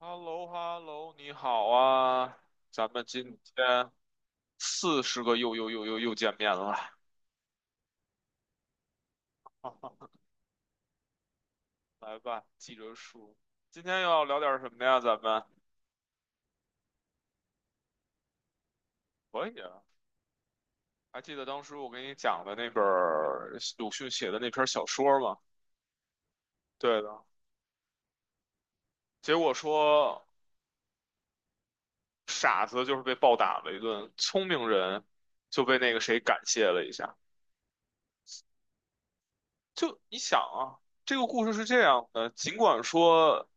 h e l l o h e l l o 你好啊，咱们今天四十个又见面了，来吧，记着数。今天要聊点什么呀？咱们可以啊，还记得当时我给你讲的那本儿鲁迅写的那篇小说吗？对的，结果说傻子就是被暴打了一顿，聪明人就被那个谁感谢了一下。就你想啊，这个故事是这样的，尽管说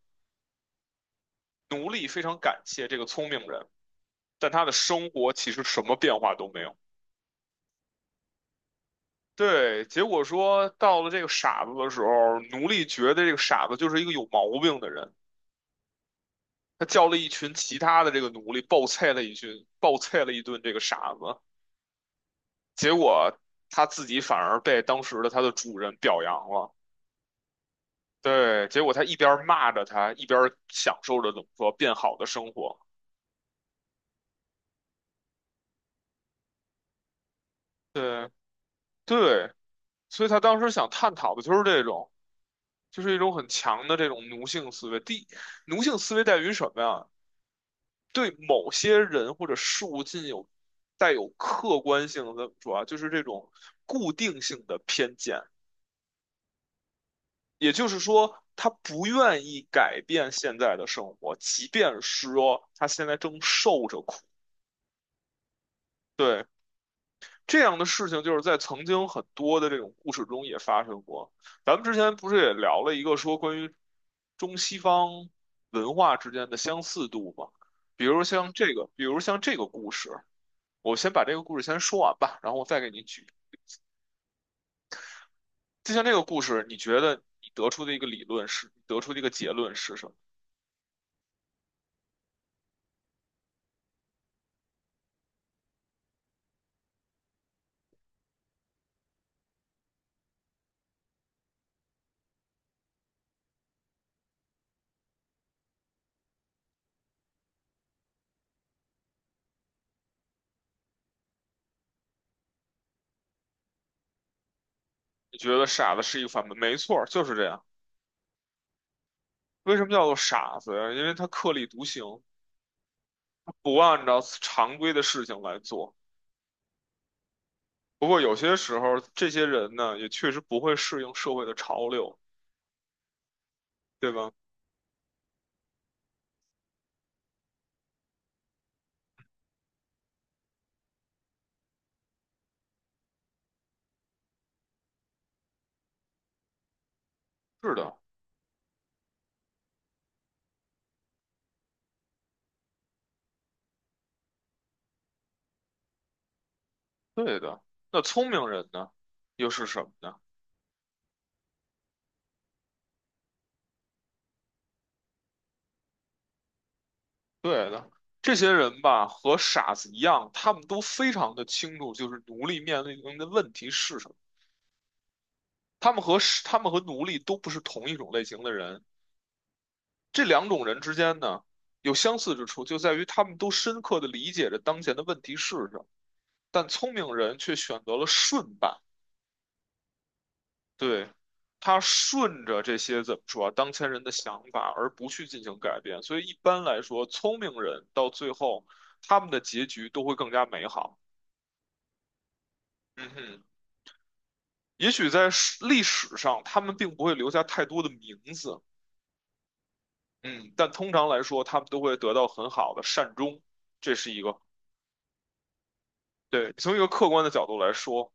奴隶非常感谢这个聪明人。但他的生活其实什么变化都没有。对，结果说到了这个傻子的时候，奴隶觉得这个傻子就是一个有毛病的人。他叫了一群其他的这个奴隶暴菜了一群，暴菜了一顿这个傻子。结果他自己反而被当时的他的主人表扬了。对，结果他一边骂着他，一边享受着怎么说变好的生活。对对，所以他当时想探讨的就是这种。就是一种很强的这种奴性思维。奴性思维在于什么呀？对某些人或者事物进有带有客观性的，怎么说啊？就是这种固定性的偏见。也就是说，他不愿意改变现在的生活，即便是说他现在正受着苦。对。这样的事情就是在曾经很多的这种故事中也发生过。咱们之前不是也聊了一个说关于中西方文化之间的相似度吗？比如像这个，比如像这个故事，我先把这个故事先说完吧，然后我再给你举。就像这个故事，你觉得你得出的一个理论是，得出的一个结论是什么？你觉得傻子是一个反面，没错，就是这样。为什么叫做傻子呀？因为他特立独行，不按照常规的事情来做。不过有些时候，这些人呢，也确实不会适应社会的潮流，对吧？是的，对的。那聪明人呢，又是什么呢？对的，这些人吧，和傻子一样，他们都非常的清楚，就是奴隶面临的问题是什么。他们和奴隶都不是同一种类型的人。这两种人之间呢，有相似之处，就在于他们都深刻的理解着当前的问题是什么。但聪明人却选择了顺办。对，他顺着这些怎么说啊，当前人的想法，而不去进行改变。所以一般来说，聪明人到最后，他们的结局都会更加美好。嗯哼，也许在历史上，他们并不会留下太多的名字，嗯，但通常来说，他们都会得到很好的善终。这是一个，对，从一个客观的角度来说，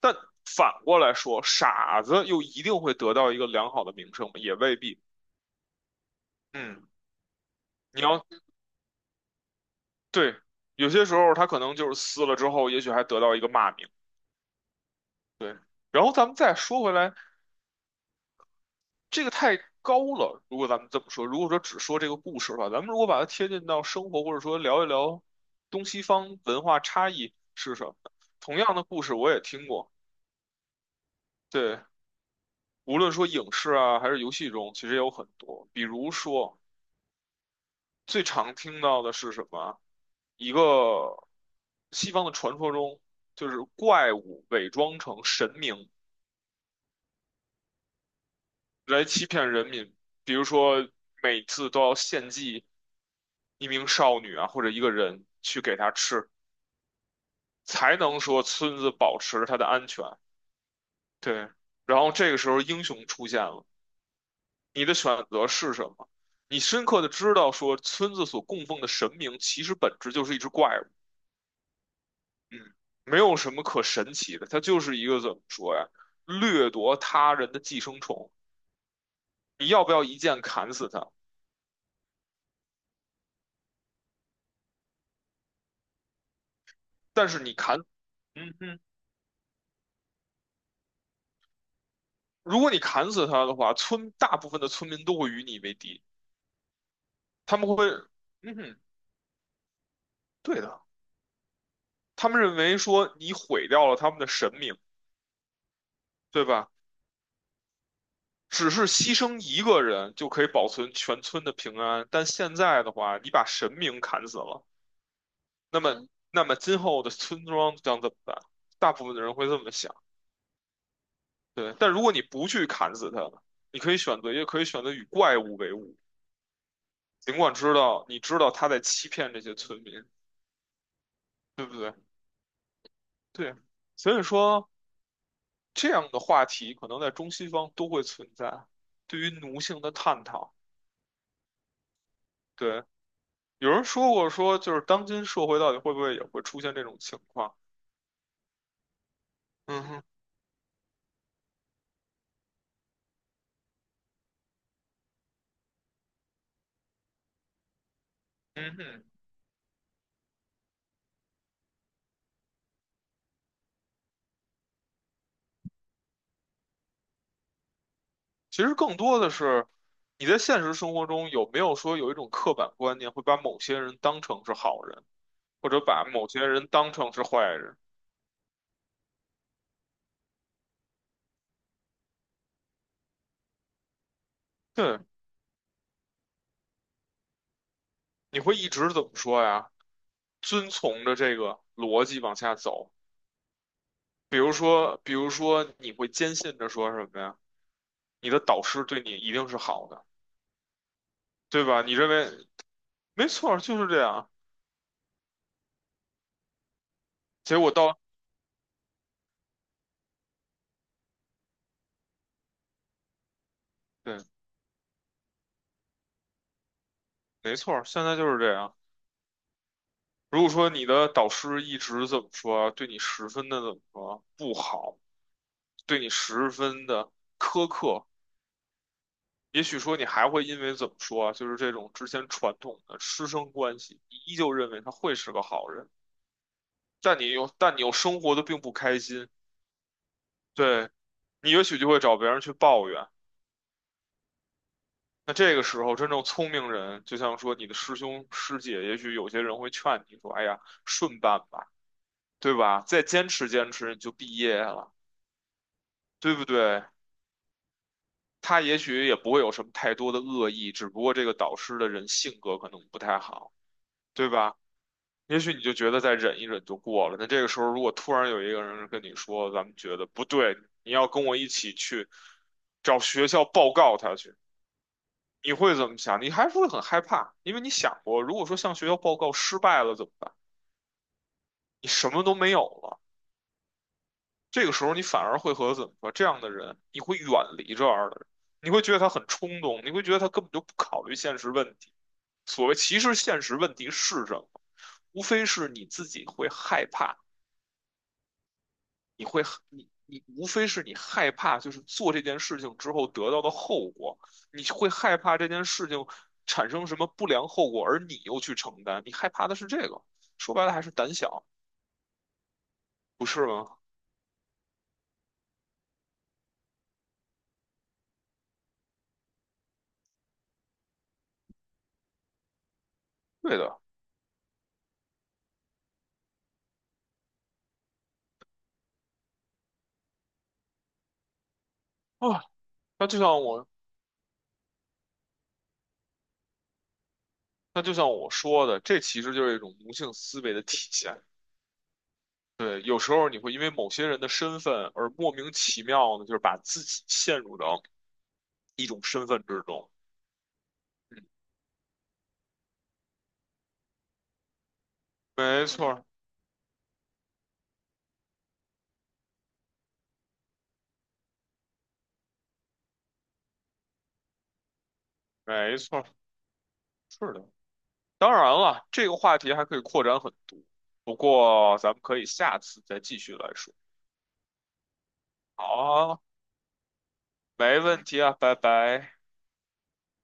但反过来说，傻子又一定会得到一个良好的名声吗？也未必。嗯。你要对，有些时候他可能就是撕了之后，也许还得到一个骂名。对，然后咱们再说回来，这个太高了。如果咱们这么说，如果说只说这个故事的话，咱们如果把它贴近到生活，或者说聊一聊东西方文化差异是什么，同样的故事我也听过。对，无论说影视啊，还是游戏中，其实也有很多。比如说，最常听到的是什么？一个西方的传说中，就是怪物伪装成神明。来欺骗人民，比如说每次都要献祭一名少女啊，或者一个人去给她吃，才能说村子保持它的安全。对，然后这个时候英雄出现了，你的选择是什么？你深刻的知道说村子所供奉的神明其实本质就是一只怪物，嗯，没有什么可神奇的，它就是一个怎么说呀，掠夺他人的寄生虫。你要不要一剑砍死他？但是你砍，嗯哼。如果你砍死他的话，村大部分的村民都会与你为敌，他们会，嗯哼，对的，他们认为说你毁掉了他们的神明，对吧？只是牺牲一个人就可以保存全村的平安，但现在的话，你把神明砍死了，那么，那么今后的村庄将怎么办？大部分的人会这么想，对。但如果你不去砍死他，你可以选择，也可以选择与怪物为伍，尽管知道你知道他在欺骗这些村民，对不对？对，所以说这样的话题可能在中西方都会存在，对于奴性的探讨。对，有人说过说，就是当今社会到底会不会也会出现这种情况？嗯哼，嗯哼，其实更多的是你在现实生活中有没有说有一种刻板观念，会把某些人当成是好人，或者把某些人当成是坏人？对，你会一直怎么说呀？遵从着这个逻辑往下走。比如说，比如说，你会坚信着说什么呀？你的导师对你一定是好的，对吧？你认为没错儿，就是这样。结果到，对，没错儿，现在就是这样。如果说你的导师一直怎么说，对你十分的怎么说不好，对你十分的苛刻，也许说你还会因为怎么说，就是这种之前传统的师生关系，你依旧认为他会是个好人，但你又生活的并不开心，对你也许就会找别人去抱怨。那这个时候，真正聪明人，就像说你的师兄师姐，也许有些人会劝你说：“哎呀，顺办吧，对吧？再坚持坚持，你就毕业了，对不对？”他也许也不会有什么太多的恶意，只不过这个导师的人性格可能不太好，对吧？也许你就觉得再忍一忍就过了。那这个时候，如果突然有一个人跟你说：“咱们觉得不对，你要跟我一起去找学校报告他去。”你会怎么想？你还是会很害怕，因为你想过，如果说向学校报告失败了怎么办？你什么都没有了。这个时候，你反而会和怎么说这样的人，你会远离这样的人，你会觉得他很冲动，你会觉得他根本就不考虑现实问题。所谓其实现实问题是什么？无非是你自己会害怕，你会你无非是你害怕，就是做这件事情之后得到的后果，你会害怕这件事情产生什么不良后果，而你又去承担，你害怕的是这个，说白了还是胆小，不是吗？对的啊，那就像我那就像我说的，这其实就是一种奴性思维的体现。对，有时候你会因为某些人的身份而莫名其妙的，就是把自己陷入到一种身份之中。嗯，没错没错,是的。当然了，这个话题还可以扩展很多，不过咱们可以下次再继续来说。好啊没问题啊，拜拜。